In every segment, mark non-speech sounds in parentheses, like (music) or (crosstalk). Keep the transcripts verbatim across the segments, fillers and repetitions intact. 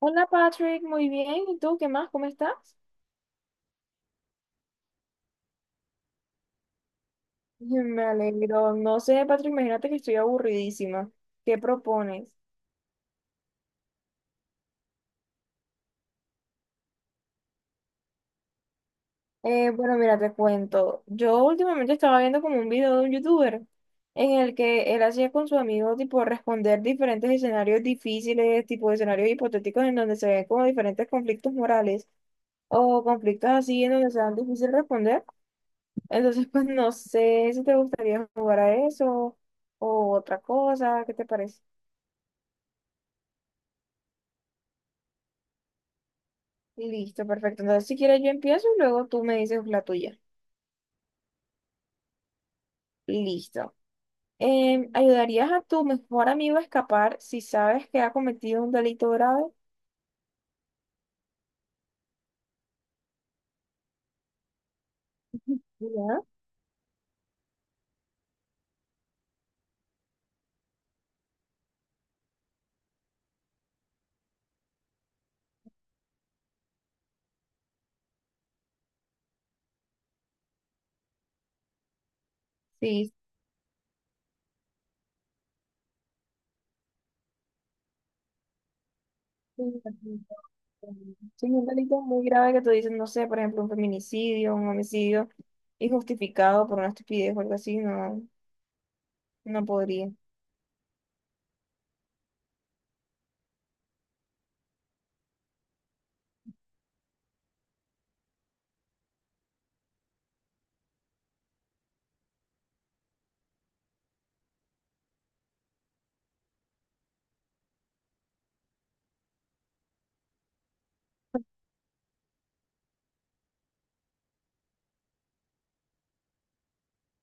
Hola Patrick, muy bien. ¿Y tú qué más? ¿Cómo estás? (laughs) Me alegro. No sé, Patrick, imagínate que estoy aburridísima. ¿Qué propones? Eh, bueno, mira, te cuento. Yo últimamente estaba viendo como un video de un youtuber en el que él hacía con su amigo tipo responder diferentes escenarios difíciles, tipo escenarios hipotéticos en donde se ven como diferentes conflictos morales o conflictos así en donde sean difícil responder. Entonces, (laughs) pues no sé si te gustaría jugar a eso o otra cosa, ¿qué te parece? Listo, perfecto. Entonces, si quieres, yo empiezo y luego tú me dices la tuya. Listo. Em, ¿ayudarías a tu mejor amigo a escapar si sabes que ha cometido un delito grave? (laughs) Ya. Sí. Sí, sí, un delito muy grave que tú dices, no sé, por ejemplo, un feminicidio, un homicidio injustificado por una estupidez o algo así, no, no podría.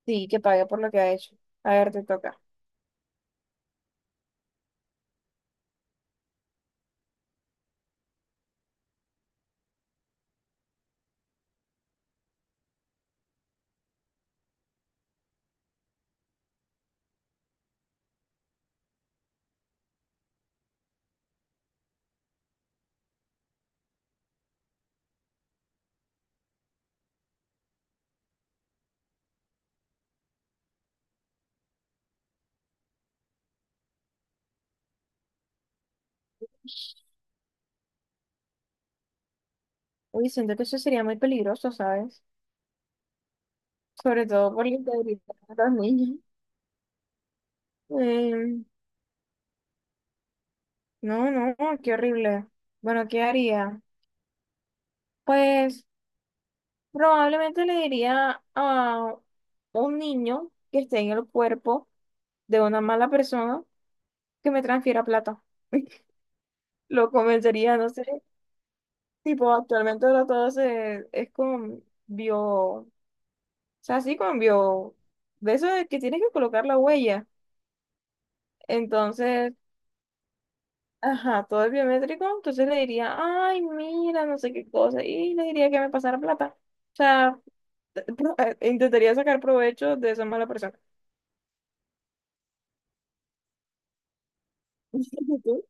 Sí, que pague por lo que ha hecho. A ver, te toca. Uy, siento que eso sería muy peligroso, ¿sabes? Sobre todo por la integridad de los niños. Em, No, no, qué horrible. Bueno, ¿qué haría? Pues probablemente le diría a un niño que esté en el cuerpo de una mala persona que me transfiera plata. (laughs) Lo convencería, no sé. Tipo, actualmente ahora todo se, es con bio, o sea, sí, con bio, de eso de que tienes que colocar la huella. Entonces, ajá, todo es biométrico, entonces le diría, ay, mira, no sé qué cosa, y le diría que me pasara plata. O sea, (laughs) intentaría sacar provecho de esa mala persona. (laughs) ¿Tú?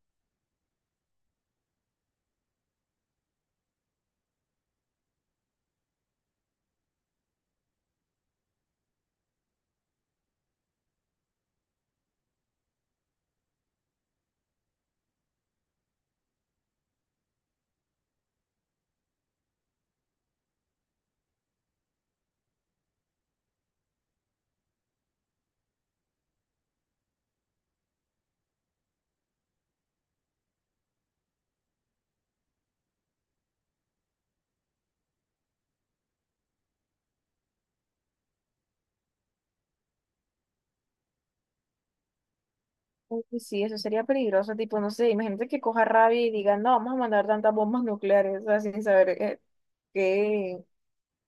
Uy, sí, eso sería peligroso, tipo, no sé, imagínate que coja rabia y diga, no, vamos a mandar tantas bombas nucleares, o sea, sin saber eh, qué,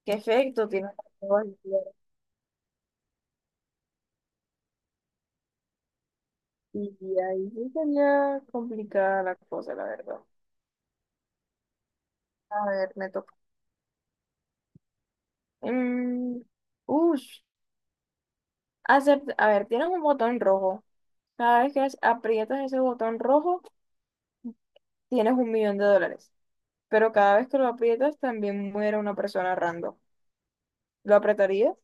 qué efecto tiene las bombas nucleares. Y ahí sí sería complicada la cosa, la verdad. A ver, me toca. Mm, ush, acept- a ver, tienes un botón rojo. Cada vez que as- aprietas ese botón rojo, tienes un millón de dólares. Pero cada vez que lo aprietas también muere una persona random. ¿Lo apretarías?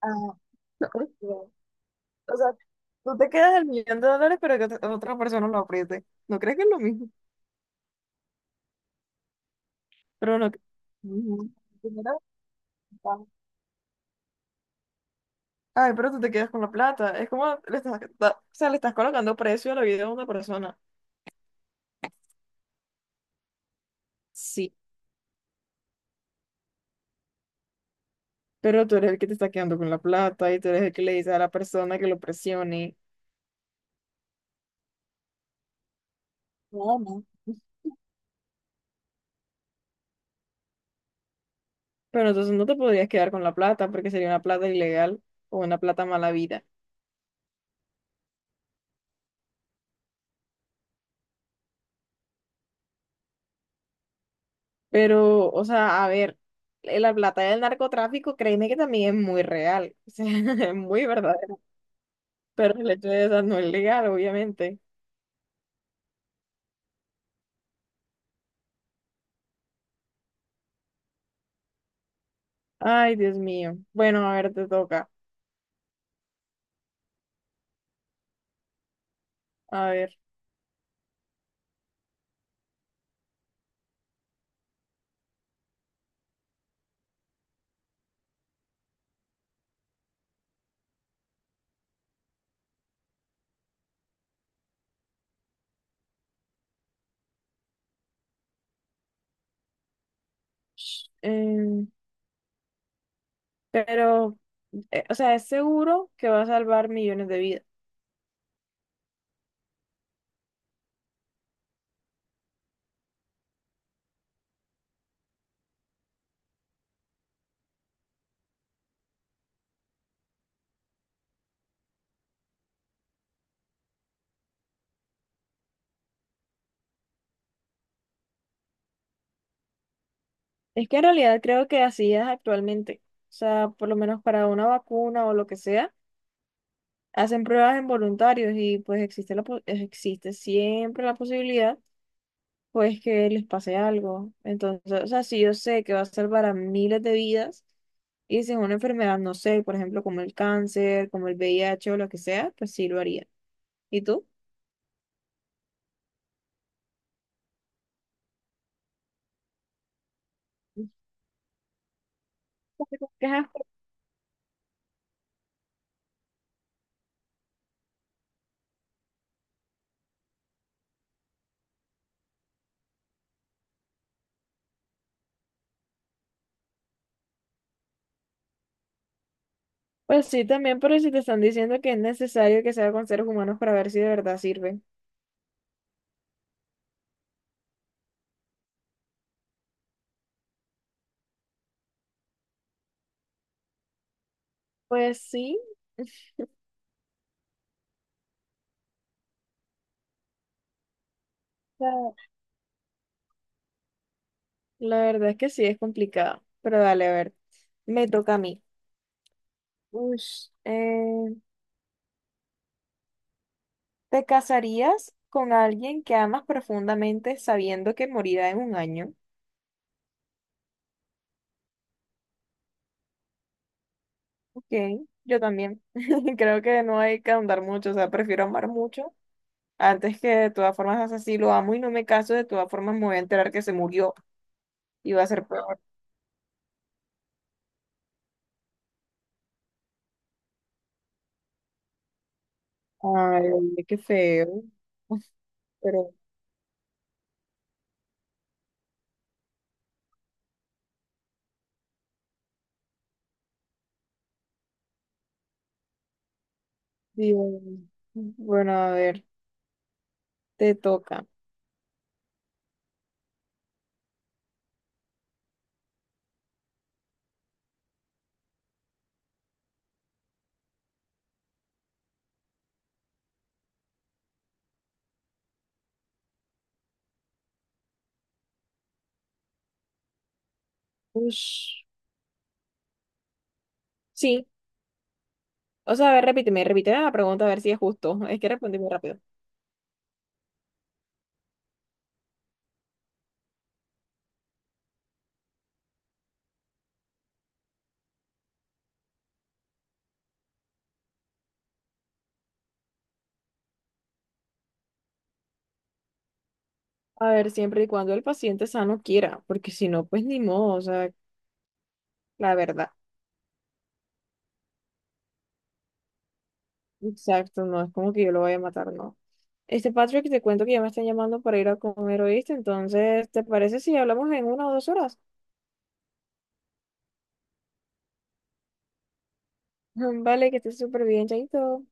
Ah, no, no. O sea, tú te quedas el millón de dólares, pero que ot- otra persona lo apriete. ¿No crees que es lo mismo? Pero no. Ujú. Ah, ay, pero tú te quedas con la plata. Es como le estás, da- o sea, le estás colocando precio a la vida de una persona. Sí. Pero tú eres el que te está quedando con la plata y tú eres el que le dice a la persona que lo presione. No, no. Pero entonces no te podrías quedar con la plata porque sería una plata ilegal o una plata mal. Pero, o sea, a ver, eh, la plata del narcotráfico, créeme que también es muy real, (laughs) o sea, es muy verdadero. Pero el hecho de esa no es legal, obviamente. Ay, Dios mío. Bueno, a ver, te toca. A ver. Sh- Em, pero, eh, o sea, es seguro que va a salvar millones de vidas. Es que en realidad creo que así es actualmente. O sea, por lo menos para una vacuna o lo que sea, hacen pruebas en voluntarios y pues existe la, po- existe siempre la posibilidad o es que les pase algo. Entonces, o sea, si yo sé que va a salvar a miles de vidas y si es una enfermedad, no sé, por ejemplo, como el cáncer, como el V I H o lo que sea, pues sí lo haría. ¿Y tú? Qué. Pues sí, también, pero si te están diciendo que es necesario que sea con seres humanos para ver si de verdad sirve. Pues sí, o sea, la verdad es que sí es complicado. Pero dale, a ver, me toca a mí. Ush, ¿te casarías con alguien que amas profundamente sabiendo que morirá en un año? Ok, yo también. (laughs) Creo que no hay que ahondar mucho, o sea, prefiero amar mucho antes que de todas formas, así lo amo y no me caso, de todas formas me voy a enterar que se murió y va a ser peor. Ay, qué feo. (laughs) Uf, pero, digo, bueno, a ver, te toca. Ush. Sí, o sea, a ver, repíteme, repíteme la pregunta a ver si es justo. Es que respondí muy rápido. A ver, siempre y cuando el paciente sano quiera, porque si no, pues ni modo, o sea, la verdad. Exacto, no es como que yo lo vaya a matar, no. Este Patrick, te cuento que ya me están llamando para ir a comer, ¿oíste? Entonces, ¿te parece si hablamos en una o dos horas? (laughs) Vale, que estés súper bien, chaito.